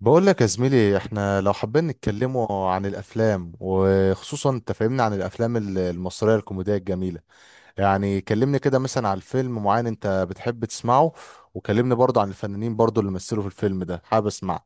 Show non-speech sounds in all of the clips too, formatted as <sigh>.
بقول لك يا زميلي، احنا لو حابين نتكلموا عن الافلام، وخصوصا انت فاهمني، عن الافلام المصريه الكوميديه الجميله. يعني كلمني كده مثلا عن فيلم معين انت بتحب تسمعه. وكلمني برضه عن الفنانين، برضه اللي مثلوا في الفيلم ده، حابب اسمع.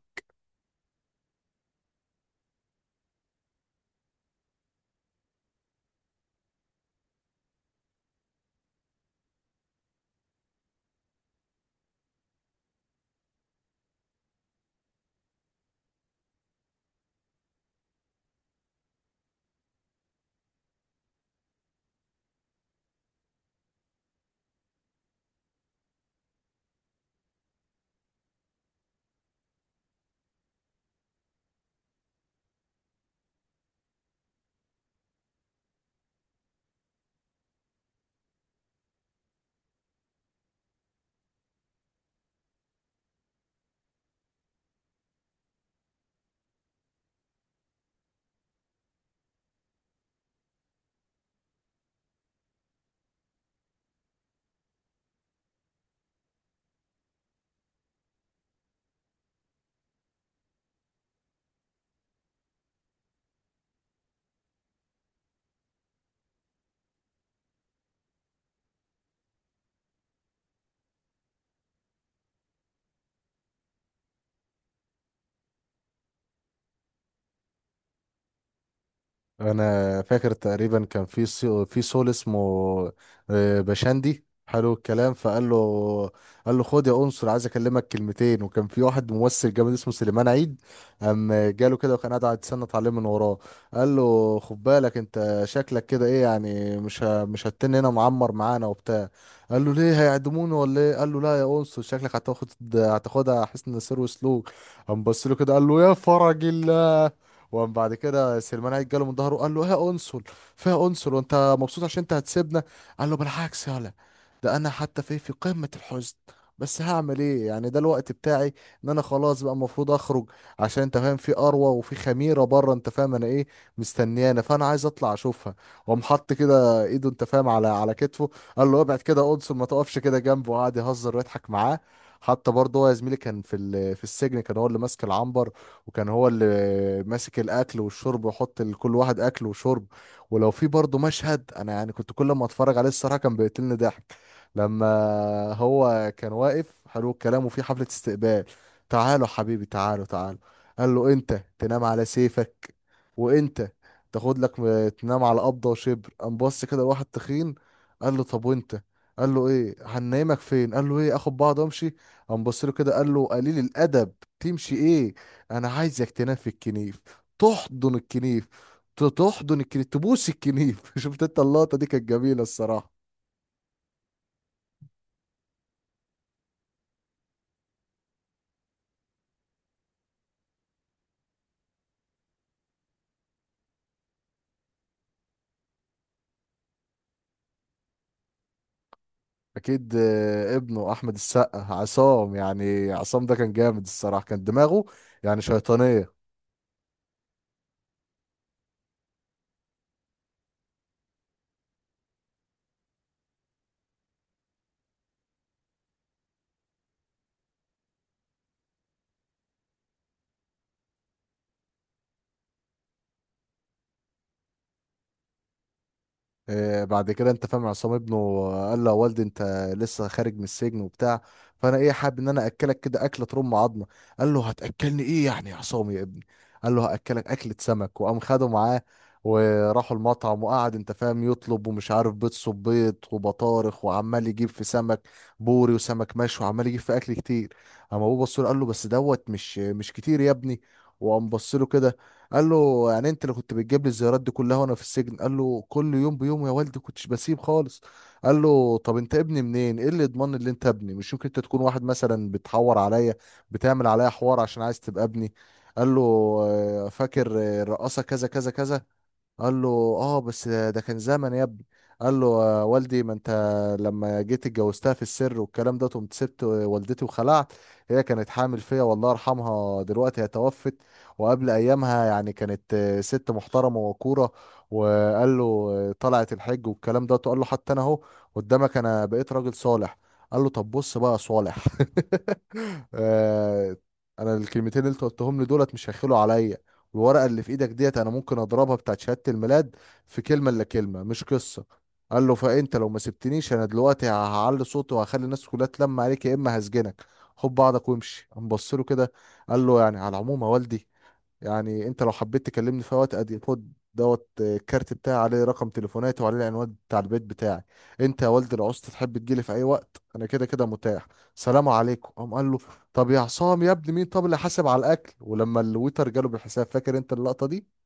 انا فاكر تقريبا كان في في سول اسمه بشندي. حلو الكلام، فقال له، قال له: خد يا انصر، عايز اكلمك كلمتين. وكان في واحد ممثل جامد اسمه سليمان عيد. قام جاله كده، وكان قاعد يتسنط عليه من وراه. قال له: خد بالك، انت شكلك كده ايه؟ يعني مش هتن هنا، معمر معانا وبتاع. قال له: ليه، هيعدموني ولا ايه؟ قال له: لا يا انصر، شكلك هتاخدها حسن سير وسلوك. قام بص له كده، قال له: يا فرج الله. وقام بعد كده سليمان عيد جاله من ظهره وقال له: يا انصل. فيها انصل وانت مبسوط عشان انت هتسيبنا؟ قال له: بالعكس يالا، ده انا حتى في قمة الحزن. بس هعمل ايه يعني، ده الوقت بتاعي ان انا خلاص بقى المفروض اخرج. عشان انت فاهم، في اروى وفي خميره بره انت فاهم انا ايه، مستنيانا، فانا عايز اطلع اشوفها. وقام حط كده ايده انت فاهم على كتفه. قال له: ابعد كده انصل، ما تقفش كده جنبه. وقعد يهزر ويضحك معاه. حتى برضه هو يا زميلي كان في السجن، كان هو اللي ماسك العنبر. وكان هو اللي ماسك الاكل والشرب، ويحط لكل واحد اكل وشرب. ولو في برضه مشهد انا يعني كنت كل ما اتفرج عليه الصراحه كان بيقتلني ضحك. لما هو كان واقف حلو الكلام، وفي حفله استقبال. تعالوا حبيبي، تعالوا تعالوا. قال له: انت تنام على سيفك، وانت تاخد لك تنام على قبضه وشبر. قام بص كده لواحد تخين، قال له: طب وانت؟ قال له: ايه، هننامك فين؟ قال له: ايه، اخد بعض وامشي. قام بص له كده، قال له: قليل الادب، تمشي ايه؟ انا عايزك تنام في الكنيف، تحضن الكنيف، تحضن الكنيف، تبوس الكنيف. <laughs> شفت انت اللقطه دي كانت جميله الصراحه. اكيد. ابنه احمد السقا، عصام. يعني عصام ده كان جامد الصراحه، كان دماغه يعني شيطانيه. بعد كده انت فاهم عصام ابنه قال له: يا والدي، انت لسه خارج من السجن وبتاع. فانا ايه، حابب ان انا اكلك كده اكله ترم عظمه. قال له: هتاكلني ايه يعني يا عصام يا ابني؟ قال له: هاكلك اكله سمك. وقام خده معاه. وراحوا المطعم، وقعد انت فاهم يطلب، ومش عارف بيض صبيط وبطارخ، وعمال يجيب في سمك بوري وسمك مشوي، وعمال يجيب في اكل كتير. اما ابوه بص له، قال له: بس دوت مش كتير يا ابني. وقام بص له كده، قال له: يعني انت اللي كنت بتجيب لي الزيارات دي كلها وانا في السجن؟ قال له: كل يوم بيوم يا والدي، كنتش بسيب خالص. قال له: طب انت ابني منين؟ ايه اللي يضمن ان انت ابني؟ مش ممكن انت تكون واحد مثلا بتحور عليا، بتعمل عليا حوار عشان عايز تبقى ابني؟ قال له: فاكر الرقاصه كذا كذا كذا. قال له: اه، بس ده كان زمن يا ابني. قال له: آه والدي، ما انت لما جيت اتجوزتها في السر والكلام ده، قمت سبت والدتي وخلعت. هي كانت حامل فيا، والله يرحمها، دلوقتي هي توفت. وقبل ايامها يعني كانت ست محترمه وكوره. وقال له: طلعت الحج والكلام ده. قال له: حتى انا اهو قدامك، انا بقيت راجل صالح. قال له: طب بص بقى يا صالح. <laughs> آه، انا الكلمتين اللي انت قلتهم لي دولت مش هيخلوا عليا. الورقه اللي في ايدك ديت انا ممكن اضربها، بتاعت شهاده الميلاد. في كلمه الا كلمه، مش قصه. قال له: فانت لو ما سبتنيش انا دلوقتي هعلي صوتي وهخلي الناس كلها تلم عليك، يا اما هسجنك. خد بعضك وامشي. قام بص له كده، قال له: يعني على العموم يا والدي، يعني انت لو حبيت تكلمني في وقت ادي خد دوت الكارت بتاعي، عليه رقم تليفوناتي وعليه العنوان بتاع البيت بتاعي. انت يا والد العسل، تحب تجيلي في اي وقت انا كده كده متاح. سلام عليكم. قام قال له: طب يا عصام يا ابني، مين طب اللي حاسب على الاكل؟ ولما الويتر جاله بالحساب، فاكر انت اللقطة دي؟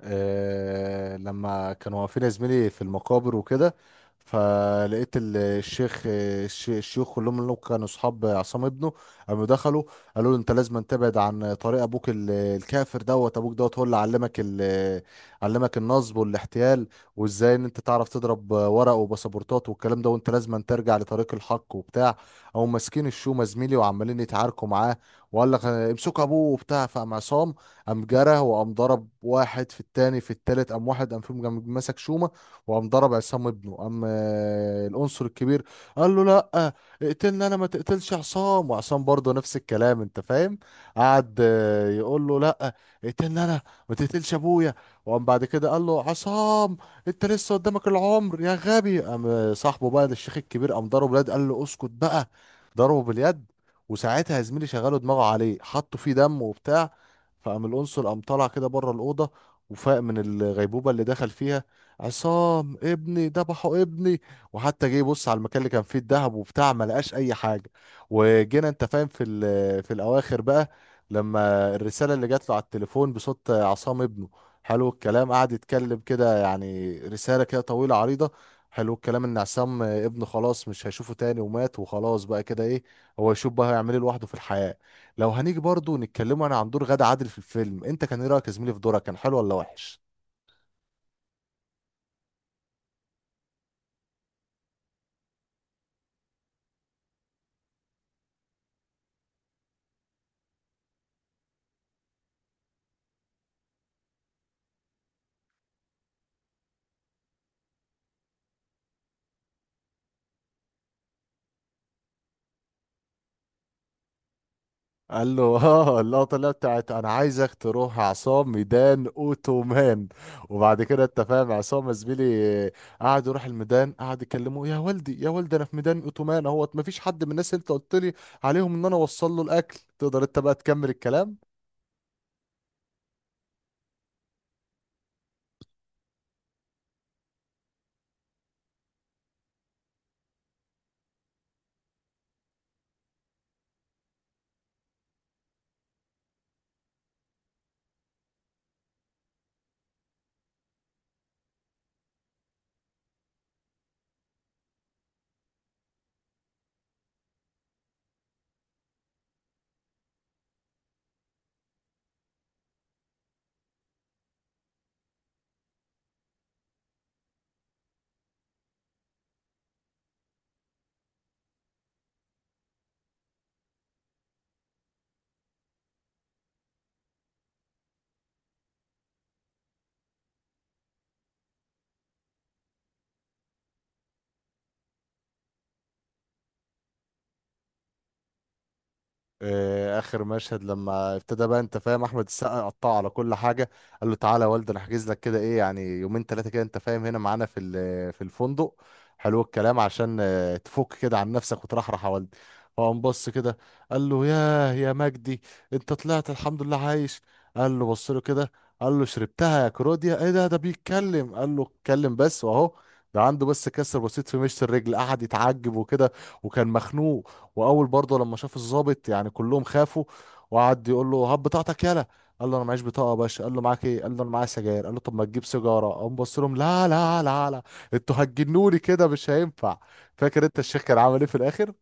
لما كانوا واقفين يا زميلي في المقابر وكده، فلقيت الشيوخ كلهم اللي كانوا اصحاب عصام ابنه، قاموا دخلوا، قالوا له: انت لازم تبعد عن طريق ابوك الكافر دوت، ابوك دوت هو اللي علمك، علمك النصب والاحتيال. وازاي ان انت تعرف تضرب ورق وباسبورتات والكلام ده، وانت لازم ترجع لطريق الحق وبتاع. او ماسكين الشومه زميلي وعمالين يتعاركوا معاه. وقال لك: امسكوا ابوه وبتاع. فقام عصام قام جرى، وقام ضرب واحد في التاني في التالت، قام واحد قام فيهم قام مسك شومة. وقام ضرب عصام ابنه. قام العنصر الكبير قال له: لا، اقتلني انا، ما تقتلش عصام. وعصام برضه نفس الكلام انت فاهم، قعد يقول له: لا، اقتلني انا، ما تقتلش ابويا. وقام بعد كده قال له عصام: انت لسه قدامك العمر يا غبي. قام صاحبه بقى للشيخ الكبير قام ضربه باليد، قال له: اسكت بقى. ضربه باليد. وساعتها يا زميلي شغلوا دماغه عليه، حطوا فيه دم وبتاع. فقام القنصل قام طالع كده بره الأوضة، وفاق من الغيبوبة اللي دخل فيها. عصام ابني، ذبحوا ابني. وحتى جه يبص على المكان اللي كان فيه الذهب وبتاع، ما لقاش أي حاجة. وجينا أنت فاهم في الأواخر بقى، لما الرسالة اللي جات له على التليفون بصوت عصام ابنه. حلو الكلام قعد يتكلم كده يعني، رسالة كده طويلة عريضة. حلو الكلام، ان عصام ابنه خلاص مش هيشوفه تاني ومات وخلاص بقى كده، ايه هو يشوف بقى هيعمل ايه لوحده في الحياة. لو هنيجي برضو نتكلموا انا عن دور غادة عادل في الفيلم، انت كان ايه رايك يا زميلي في دورها، كان حلو ولا وحش؟ قال له: <laughs> اه، اللقطه اللي هي بتاعت انا عايزك تروح عصام ميدان اوتومان. وبعد كده انت فاهم عصام يا زميلي قعد يروح الميدان، قعد يكلمه: يا والدي، يا والدي، انا في ميدان اوتومان اهوت، مفيش حد من الناس اللي انت قلت لي عليهم ان انا اوصل له الاكل. تقدر انت بقى تكمل الكلام؟ اخر مشهد لما ابتدى بقى انت فاهم احمد السقا قطعه على كل حاجه. قال له: تعالى يا والد، انا هحجز لك كده ايه يعني يومين ثلاثه كده انت فاهم، هنا معانا في الفندق. حلو الكلام عشان تفك كده عن نفسك وترحرح يا والد. هو قام بص كده قال له: ياه يا مجدي، انت طلعت الحمد لله عايش؟ قال له: بص له كده. قال له: شربتها يا كروديا، ايه ده بيتكلم. قال له: اتكلم بس واهو، ده عنده بس كسر بسيط في مشط الرجل. قعد يتعجب وكده. وكان مخنوق. واول برضه لما شاف الضابط يعني كلهم خافوا. وقعد يقول له: هات بطاقتك يالا. قال له: انا معيش بطاقه يا باشا. قال له: معاك ايه؟ قال له: انا معايا سجاير. قال له: طب ما تجيب سيجاره. قام بص لهم: لا لا لا لا، انتوا هتجنوني كده مش هينفع. فاكر انت الشيخ كان عامل ايه في الاخر؟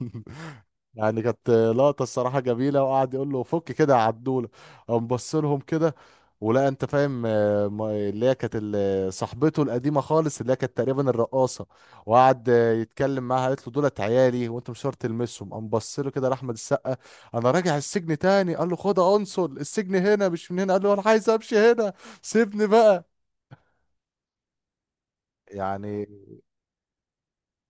<laughs> يعني كانت لقطة الصراحة جميلة، وقعد يقول له: فك كده يا عدولة. قام بص لهم كده، ولا انت فاهم اللي هي كانت صاحبته القديمة خالص، اللي هي كانت تقريبا الرقاصة. وقعد يتكلم معاها، قالت له: دولت عيالي وانت مش شرط تلمسهم. قام بص له كده لأحمد السقا: انا راجع السجن تاني. قال له: خد يا انصل، السجن هنا مش من هنا. قال له: انا عايز امشي هنا، سيبني بقى. يعني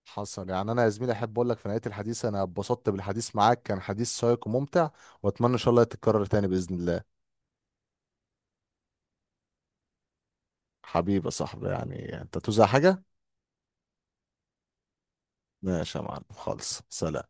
حصل. يعني انا يا زميلي احب اقول لك في نهايه الحديث، انا اتبسطت بالحديث معاك، كان حديث شيق وممتع. واتمنى ان شاء الله تتكرر تاني باذن الله. حبيبي يا صاحبي يعني، انت توزع حاجه. ماشي يا معلم، خالص سلام.